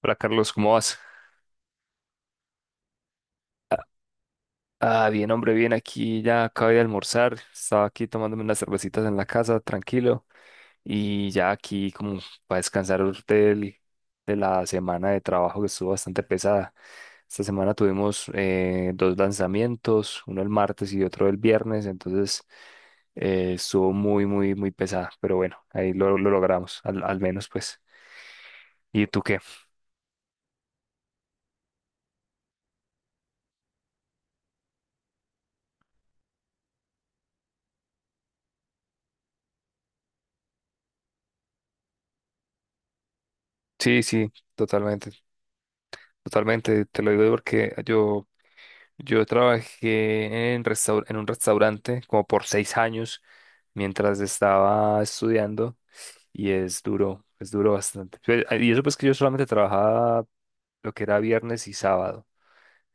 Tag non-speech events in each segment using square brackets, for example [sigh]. Hola Carlos, ¿cómo vas? Ah, bien, hombre, bien, aquí ya acabé de almorzar, estaba aquí tomándome unas cervecitas en la casa, tranquilo, y ya aquí como para descansar de la semana de trabajo que estuvo bastante pesada. Esta semana tuvimos dos lanzamientos, uno el martes y otro el viernes, entonces estuvo muy, muy, muy pesada, pero bueno, ahí lo logramos, al menos pues. ¿Y tú qué? Sí, sí, totalmente, totalmente, te lo digo Yo trabajé en un restaurante como por 6 años mientras estaba estudiando y es duro bastante. Y eso pues que yo solamente trabajaba lo que era viernes y sábado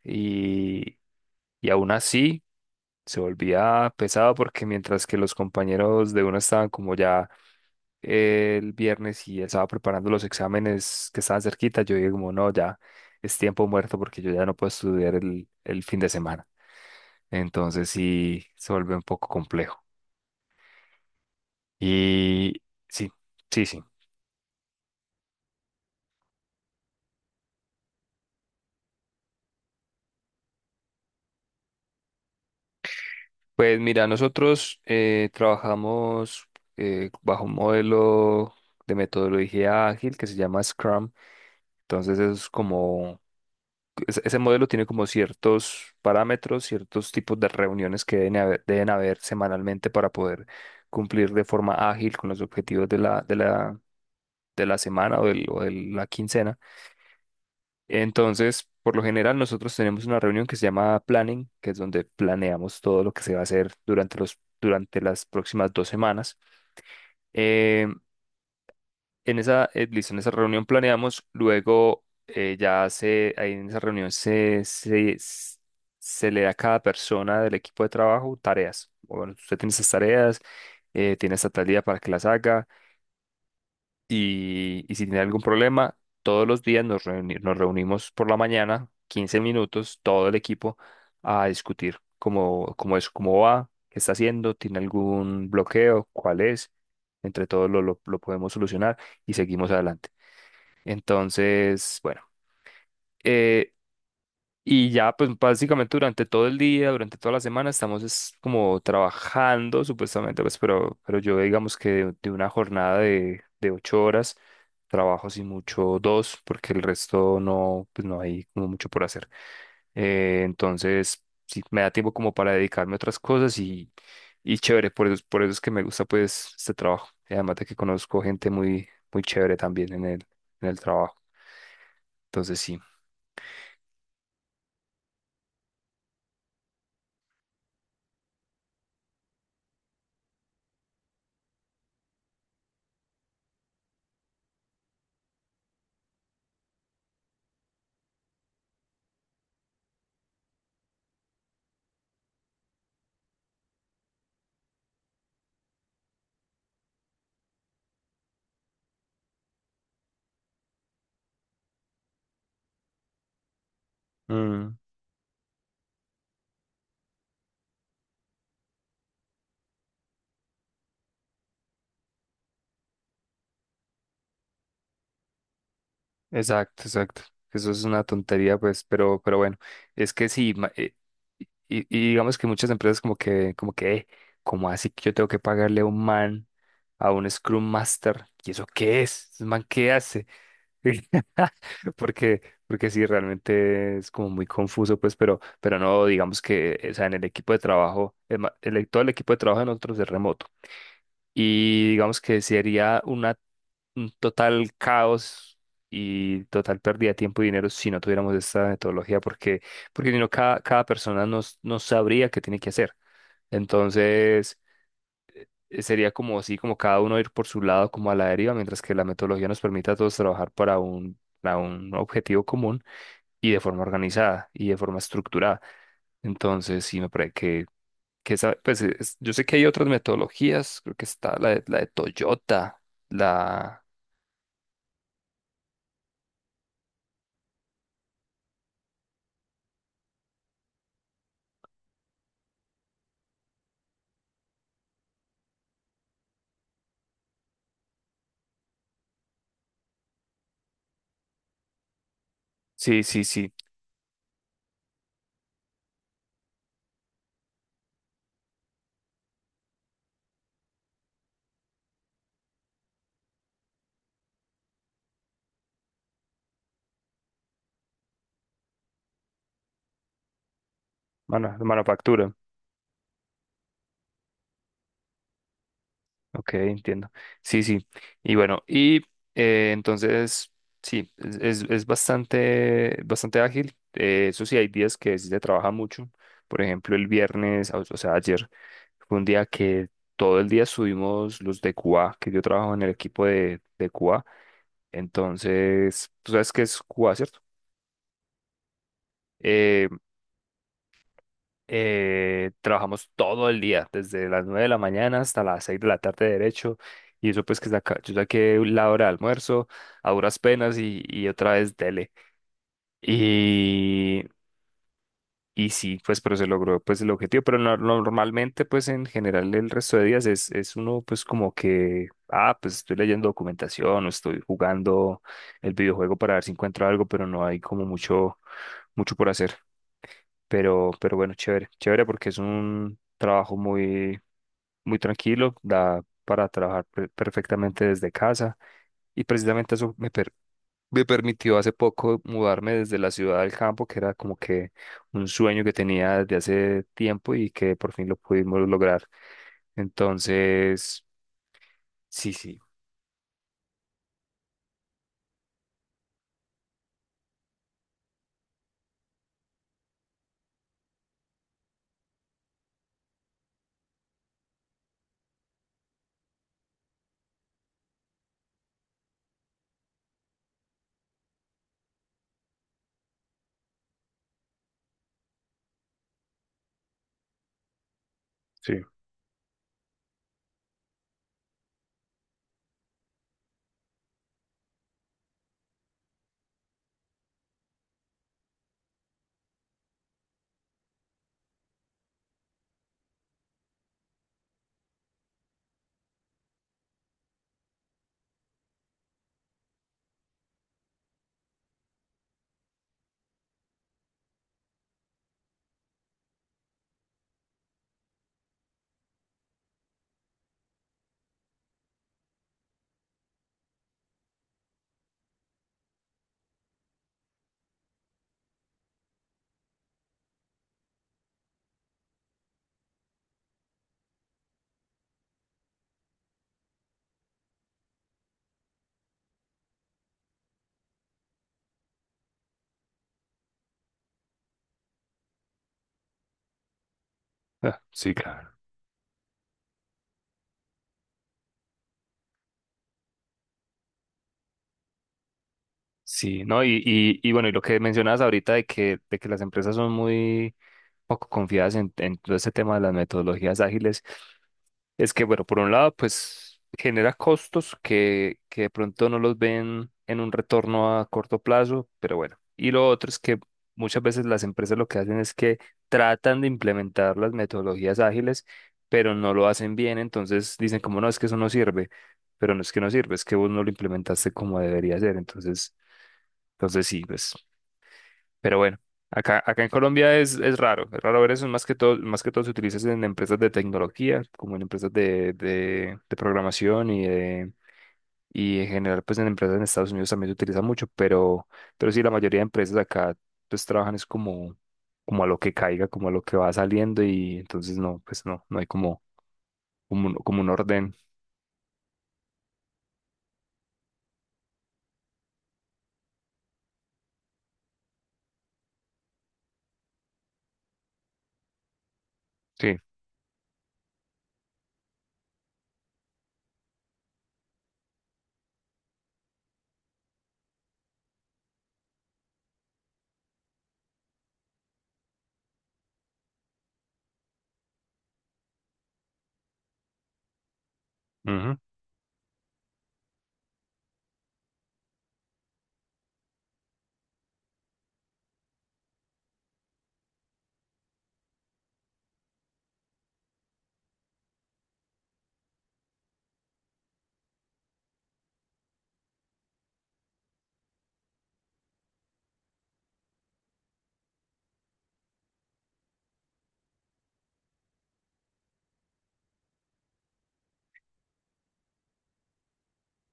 y, y aún así se volvía pesado porque mientras que los compañeros de uno estaban como ya el viernes y estaba preparando los exámenes que estaban cerquita, yo dije como no, ya es tiempo muerto porque yo ya no puedo estudiar el fin de semana. Entonces sí se vuelve un poco complejo. Y sí, sí, sí. Pues mira, nosotros trabajamos bajo un modelo de metodología ágil que se llama Scrum. Entonces es como, ese modelo tiene como ciertos parámetros, ciertos tipos de reuniones que deben haber semanalmente para poder cumplir de forma ágil con los objetivos de la semana o de la quincena. Entonces, por lo general, nosotros tenemos una reunión que se llama planning, que es donde planeamos todo lo que se va a hacer durante las próximas 2 semanas. Eh, Listo, en esa reunión planeamos, luego ahí en esa reunión se le da a cada persona del equipo de trabajo tareas. Bueno, usted tiene esas tareas, tiene esta tal día para que las haga. Y si tiene algún problema, todos los días nos reunimos por la mañana, 15 minutos, todo el equipo, a discutir cómo es, cómo va, qué está haciendo, tiene algún bloqueo, cuál es. Entre todos lo podemos solucionar y seguimos adelante. Entonces, bueno, eh, y ya, pues básicamente durante todo el día, durante toda la semana, estamos es como trabajando supuestamente, pues, pero yo digamos que de una jornada de 8 horas, trabajo sin mucho dos, porque el resto no, pues no hay como mucho por hacer. Entonces, sí, me da tiempo como para dedicarme a otras cosas y chévere, por eso es que me gusta pues este trabajo. Y además de que conozco gente muy, muy chévere también en el trabajo. Entonces, sí. Mm. Exacto, exacto. Eso es una tontería, pues, pero bueno, es que sí, y digamos que muchas empresas como que, ¿cómo así que yo tengo que pagarle a un Scrum Master? ¿Y eso qué es? ¿Un man qué hace? [laughs] Porque, porque sí, realmente es como muy confuso, pues, pero no, digamos que, o sea, en el equipo de trabajo, todo el equipo de trabajo de nosotros es remoto y digamos que sería un total caos y total pérdida de tiempo y dinero si no tuviéramos esta metodología, porque si no, cada persona no, no sabría qué tiene que hacer. Entonces, sería como así, como cada uno ir por su lado, como a la deriva, mientras que la metodología nos permite a todos trabajar para un objetivo común y de forma organizada y de forma estructurada. Entonces, sí, me parece que yo sé que hay otras metodologías, creo que está la de Toyota, la... Sí, sí, sí, manufactura, ok, entiendo. Sí, sí, y bueno, entonces, sí, es bastante, bastante ágil, eso sí, hay días que sí se trabaja mucho, por ejemplo, el viernes, o sea, ayer fue un día que todo el día subimos los de QA, que yo trabajo en el equipo de QA, entonces, tú sabes qué es QA, ¿cierto? Eh, Trabajamos todo el día, desde las 9 de la mañana hasta las 6 de la tarde derecho. Y eso pues que saca, yo saqué la hora de almuerzo a duras penas y otra vez dele. Y, y sí, pues pero se logró pues el objetivo. Pero normalmente pues en general el resto de días es uno pues como que, ah, pues estoy leyendo documentación o estoy jugando el videojuego para ver si encuentro algo, pero no hay como mucho, mucho por hacer. Pero bueno, chévere, chévere porque es un trabajo muy, muy tranquilo, da para trabajar perfectamente desde casa y precisamente eso me permitió hace poco mudarme desde la ciudad al campo, que era como que un sueño que tenía desde hace tiempo y que por fin lo pudimos lograr. Entonces, sí, sí, sí, ah, sí, claro. Sí, ¿no? Y bueno, y lo que mencionabas ahorita de que las empresas son muy poco confiadas en todo este tema de las metodologías ágiles es que, bueno, por un lado, pues genera costos que de pronto no los ven en un retorno a corto plazo, pero bueno. Y lo otro es que muchas veces las empresas lo que hacen es que tratan de implementar las metodologías ágiles, pero no lo hacen bien, entonces dicen como no, es que eso no sirve, pero no es que no sirve, es que vos no lo implementaste como debería ser, entonces, sí, pues. Pero bueno, acá en Colombia es raro ver eso, más que todo se utiliza en empresas de tecnología, como en empresas de programación y en general pues en empresas en Estados Unidos también se utiliza mucho, pero sí la mayoría de empresas acá pues trabajan es como, a lo que caiga, como a lo que va saliendo y entonces no, pues no hay como, como un orden. Sí. Ujú.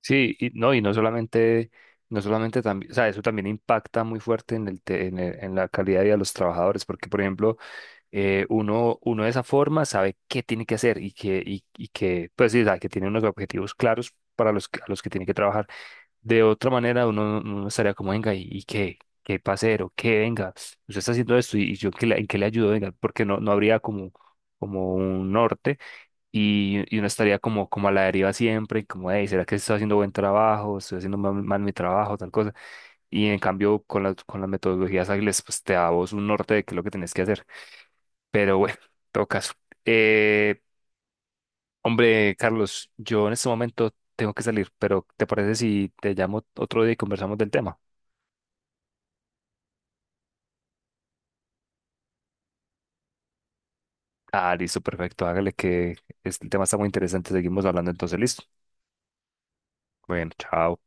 Sí, y no, no solamente también, o sea, eso también impacta muy fuerte en el te- en el- en la calidad de vida de los trabajadores, porque por ejemplo, uno de esa forma sabe qué tiene que hacer y que, pues sí, o sea, que tiene unos objetivos claros a los que tiene que trabajar. De otra manera, uno estaría como, venga, y qué, pasero, qué venga, usted está haciendo esto y yo ¿en qué le, ayudo, venga, porque no habría como, un norte y uno estaría como, como a la deriva siempre, y como, hey, ¿será que estoy haciendo buen trabajo? ¿Estoy haciendo mal, mal mi trabajo? Tal cosa. Y en cambio, con con las metodologías ágiles, pues te da a vos un norte de qué es lo que tenés que hacer. Pero bueno, [laughs] en todo caso. Eh, Hombre, Carlos, yo en este momento tengo que salir, pero ¿te parece si te llamo otro día y conversamos del tema? Ah, listo, perfecto. Hágale que este tema está muy interesante. Seguimos hablando entonces, listo. Bueno, chao.